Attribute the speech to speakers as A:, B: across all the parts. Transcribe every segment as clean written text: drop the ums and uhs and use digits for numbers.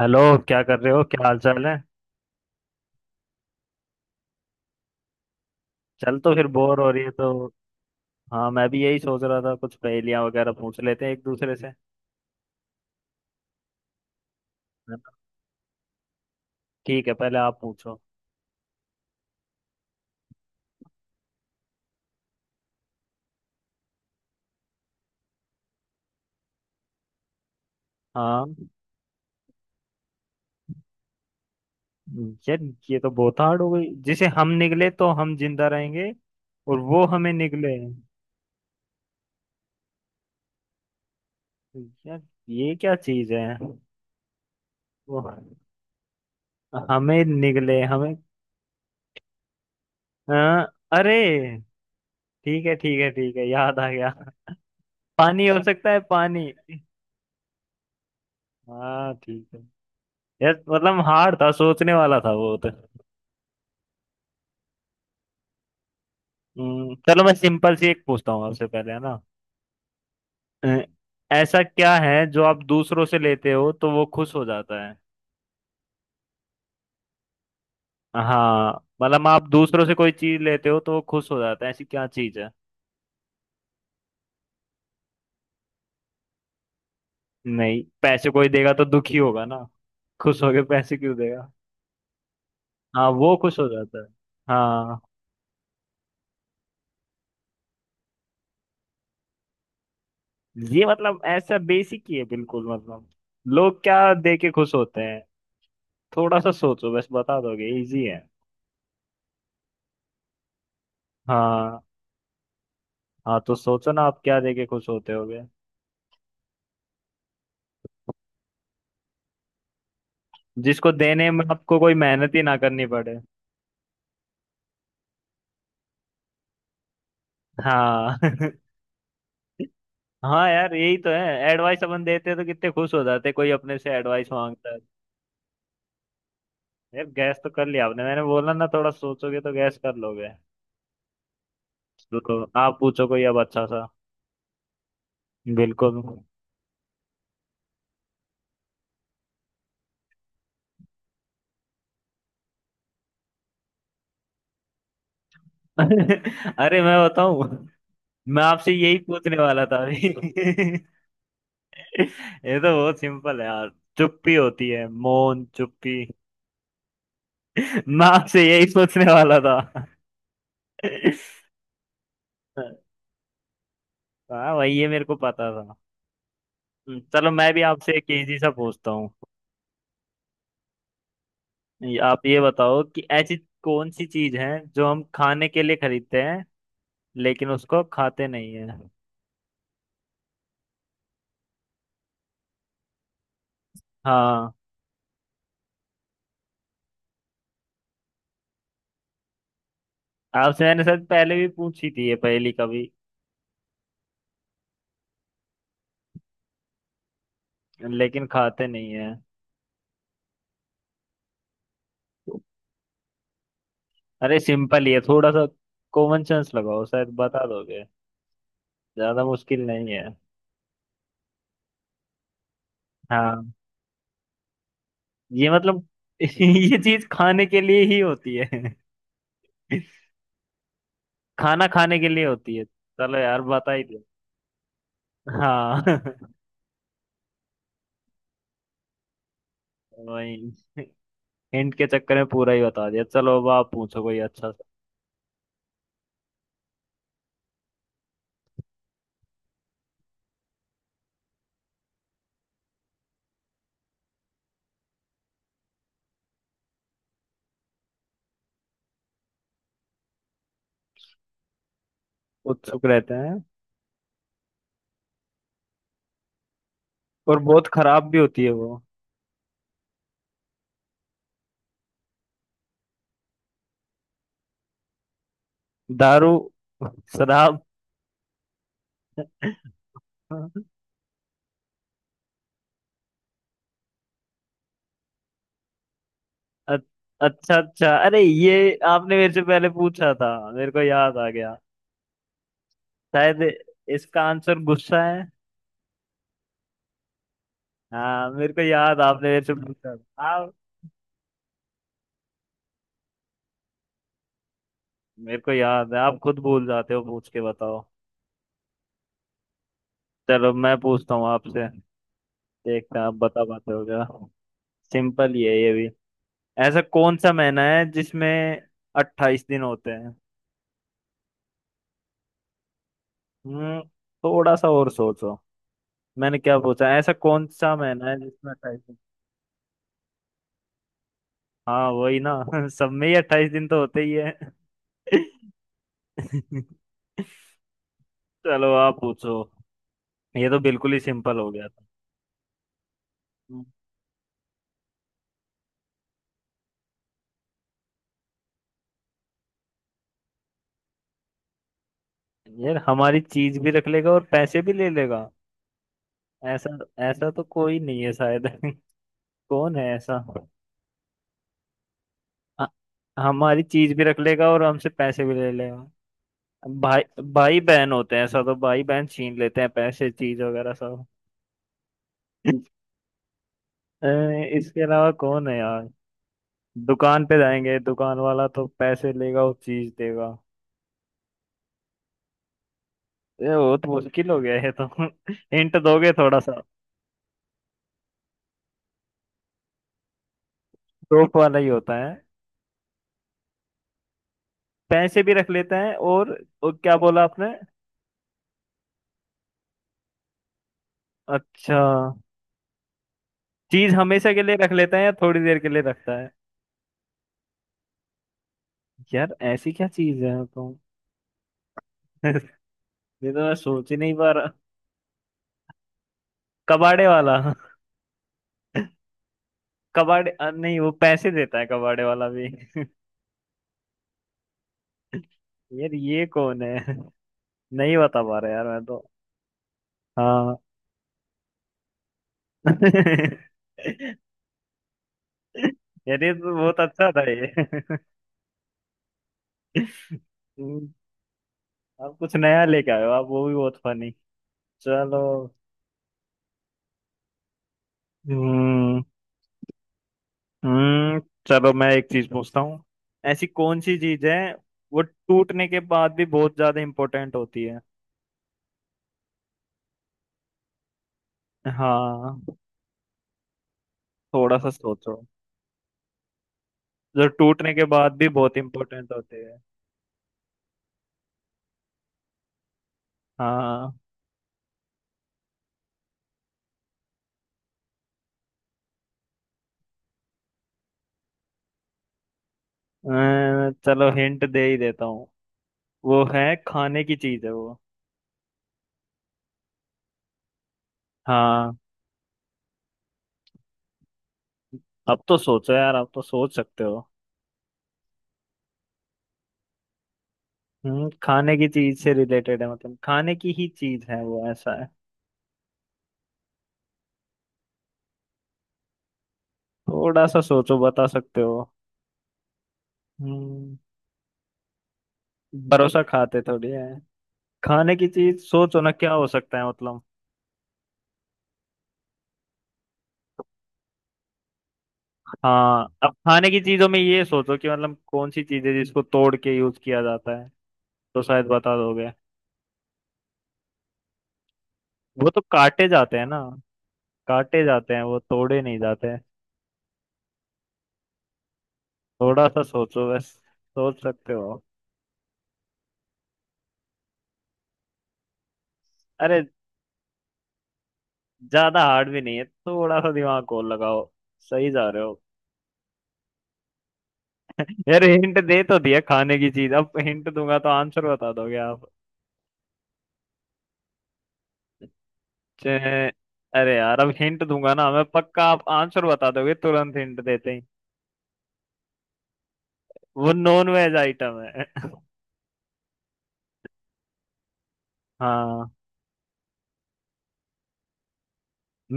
A: Hello. क्या कर रहे हो, क्या हाल चाल है। चल तो फिर बोर हो रही है तो हाँ मैं भी यही सोच रहा था, कुछ पहेलियां वगैरह पूछ लेते हैं एक दूसरे से, है ना? ठीक है, पहले आप पूछो। हाँ, यार ये तो बहुत हार्ड हो गई। जिसे हम निगले तो हम जिंदा रहेंगे और वो हमें निगले। यार ये क्या चीज है, वो हमें निगले हमें। हाँ, अरे, ठीक है ठीक है ठीक है, याद आ गया। पानी हो सकता है, पानी। हाँ ठीक है। यार मतलब हार्ड था, सोचने वाला था वो तो। चलो मैं सिंपल सी एक पूछता हूँ आपसे पहले, है ना? अ, ऐसा क्या है जो आप दूसरों से लेते हो तो वो खुश हो जाता है। हाँ मतलब आप दूसरों से कोई चीज लेते हो तो वो खुश हो जाता है, ऐसी क्या चीज है? नहीं पैसे कोई देगा तो दुखी होगा ना, खुश होके पैसे क्यों देगा? हाँ वो खुश हो जाता है। हाँ ये मतलब ऐसा बेसिक ही है बिल्कुल, मतलब लोग क्या दे के खुश होते हैं। थोड़ा सा सोचो बस, बता दोगे, इजी है। हाँ हाँ तो सोचो ना, आप क्या देके खुश होते होगे। जिसको देने में आपको कोई मेहनत ही ना करनी पड़े। हाँ हाँ यार यही तो है। एडवाइस अपन देते तो कितने खुश हो जाते कोई अपने से एडवाइस मांगता है। यार गैस तो कर लिया आपने, मैंने बोला ना थोड़ा सोचोगे तो गैस कर लोगे। तो आप पूछो कोई अब अच्छा सा। बिल्कुल। अरे मैं बताऊं, मैं आपसे यही पूछने वाला था अभी ये तो बहुत सिंपल है यार। चुप्पी होती है, मौन चुप्पी। मैं आपसे यही सोचने वाला था। हाँ वही, ये मेरे को पता था। चलो मैं भी आपसे एक इजी सा पूछता हूँ। आप ये बताओ कि ऐसी कौन सी चीज है जो हम खाने के लिए खरीदते हैं लेकिन उसको खाते नहीं है। हाँ आपसे मैंने शायद पहले भी पूछी थी ये पहेली कभी। लेकिन खाते नहीं है। अरे सिंपल ही है थोड़ा सा, कॉमन सेंस लगाओ शायद बता दोगे। ज्यादा मुश्किल नहीं है। हाँ ये मतलब ये चीज खाने के लिए ही होती है। खाना खाने के लिए होती है, चलो यार बता ही दिया। हाँ वही, हिंट के चक्कर में पूरा ही बता दिया। चलो अब आप पूछो कोई अच्छा सा। उत्सुक रहते हैं। और बहुत खराब भी होती है वो। दारू शराब। अ- अच्छा अच्छा, अरे ये आपने मेरे से पहले पूछा था, मेरे को याद आ गया शायद। इसका आंसर गुस्सा है। हाँ मेरे को याद, आपने मेरे से पूछा था आप। मेरे को याद है, आप खुद भूल जाते हो, पूछ के बताओ। चलो मैं पूछता हूँ आपसे, देखते हैं आप बता पाते हो क्या। सिंपल ही है ये भी। ऐसा कौन सा महीना है जिसमें 28 दिन होते हैं? हम्म। थोड़ा सा और सोचो, मैंने क्या पूछा, ऐसा कौन सा महीना है जिसमें अट्ठाईस दिन। हाँ वही ना। सब में ही 28 दिन तो होते ही है। चलो आप पूछो। ये तो बिल्कुल ही सिंपल हो गया था। हम्म। यार हमारी चीज भी रख लेगा और पैसे भी ले लेगा? ऐसा, ऐसा तो कोई नहीं है शायद कौन है ऐसा। ह- हमारी चीज भी रख लेगा और हमसे पैसे भी ले लेगा। भाई। भाई बहन होते हैं ऐसा, तो भाई बहन छीन लेते हैं पैसे चीज वगैरह सब अ, इसके अलावा कौन है यार, दुकान पे जाएंगे दुकान वाला तो पैसे लेगा और चीज देगा। ये बहुत मुश्किल हो गया है तो हिंट दोगे थोड़ा सा? रोप वाला ही होता है। पैसे भी रख लेते हैं और क्या बोला आपने? अच्छा, चीज हमेशा के लिए रख लेते हैं या थोड़ी देर के लिए रखता है? यार ऐसी क्या चीज है तो ये तो मैं सोच ही नहीं पा रहा। कबाड़े वाला? कबाड़े नहीं वो पैसे देता है कबाड़े वाला भी। यार ये कौन है, नहीं बता पा रहा यार मैं तो। हाँ यार ये तो बहुत अच्छा था ये। हम्म, आप कुछ नया लेके आए हो आप, वो भी बहुत फनी। चलो। हम्म। हम्म। चलो मैं एक चीज पूछता हूँ, ऐसी कौन सी चीज है वो टूटने के बाद भी बहुत ज्यादा इम्पोर्टेंट होती है? हाँ थोड़ा सा सोचो। जो टूटने के बाद भी बहुत इम्पोर्टेंट होते हैं। हाँ चलो हिंट दे ही देता हूँ, वो है, खाने की चीज है वो। हाँ अब तो सोचो यार, अब तो सोच सकते हो। हम्म, खाने की चीज से रिलेटेड है मतलब, खाने की ही चीज है वो ऐसा है। थोड़ा सा सोचो, बता सकते हो। हम्म। भरोसा खाते थोड़ी है। खाने की चीज सोचो ना, क्या हो सकता है मतलब। हाँ अब खाने की चीजों में ये सोचो कि मतलब कौन सी चीज है जिसको तोड़ के यूज किया जाता है, तो शायद बता दोगे। वो तो काटे जाते हैं ना, काटे जाते हैं वो, तोड़े नहीं जाते हैं। थोड़ा सा सोचो बस, सोच सकते हो। अरे ज्यादा हार्ड भी नहीं है, थोड़ा सा दिमाग को लगाओ, सही जा रहे हो। यार हिंट दे तो दिया, खाने की चीज, अब हिंट दूंगा तो आंसर बता दोगे आप। चे- अरे यार अब हिंट दूंगा ना मैं, पक्का आप आंसर बता दोगे तुरंत हिंट देते ही। वो नॉन वेज आइटम है हाँ,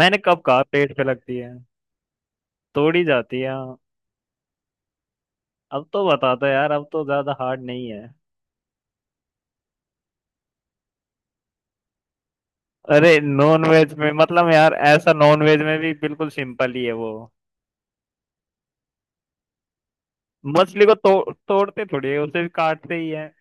A: मैंने कब कहा पेट पे लगती है, तोड़ी जाती है हाँ। अब तो बता दो यार, अब तो ज्यादा हार्ड नहीं है। अरे नॉन वेज में मतलब यार, ऐसा नॉन वेज में भी बिल्कुल सिंपल ही है वो। मछली को तो, तोड़ते थोड़ी है, उसे भी काटते ही है।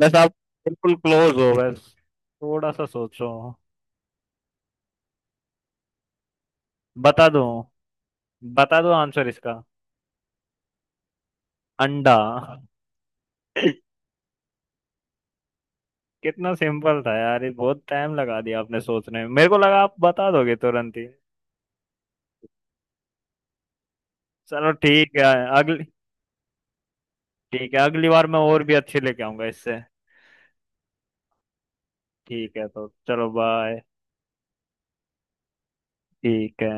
A: बस आप बिल्कुल क्लोज हो बस, थोड़ा सा सोचो। बता दो, बता दो आंसर इसका। अंडा कितना सिंपल था यार ये, बहुत टाइम लगा दिया आपने सोचने में, मेरे को लगा आप बता दोगे तुरंत ही। चलो ठीक है। अगली ठीक है, अगली बार मैं और भी अच्छे लेके आऊंगा इससे। ठीक है तो चलो, बाय। ठीक है।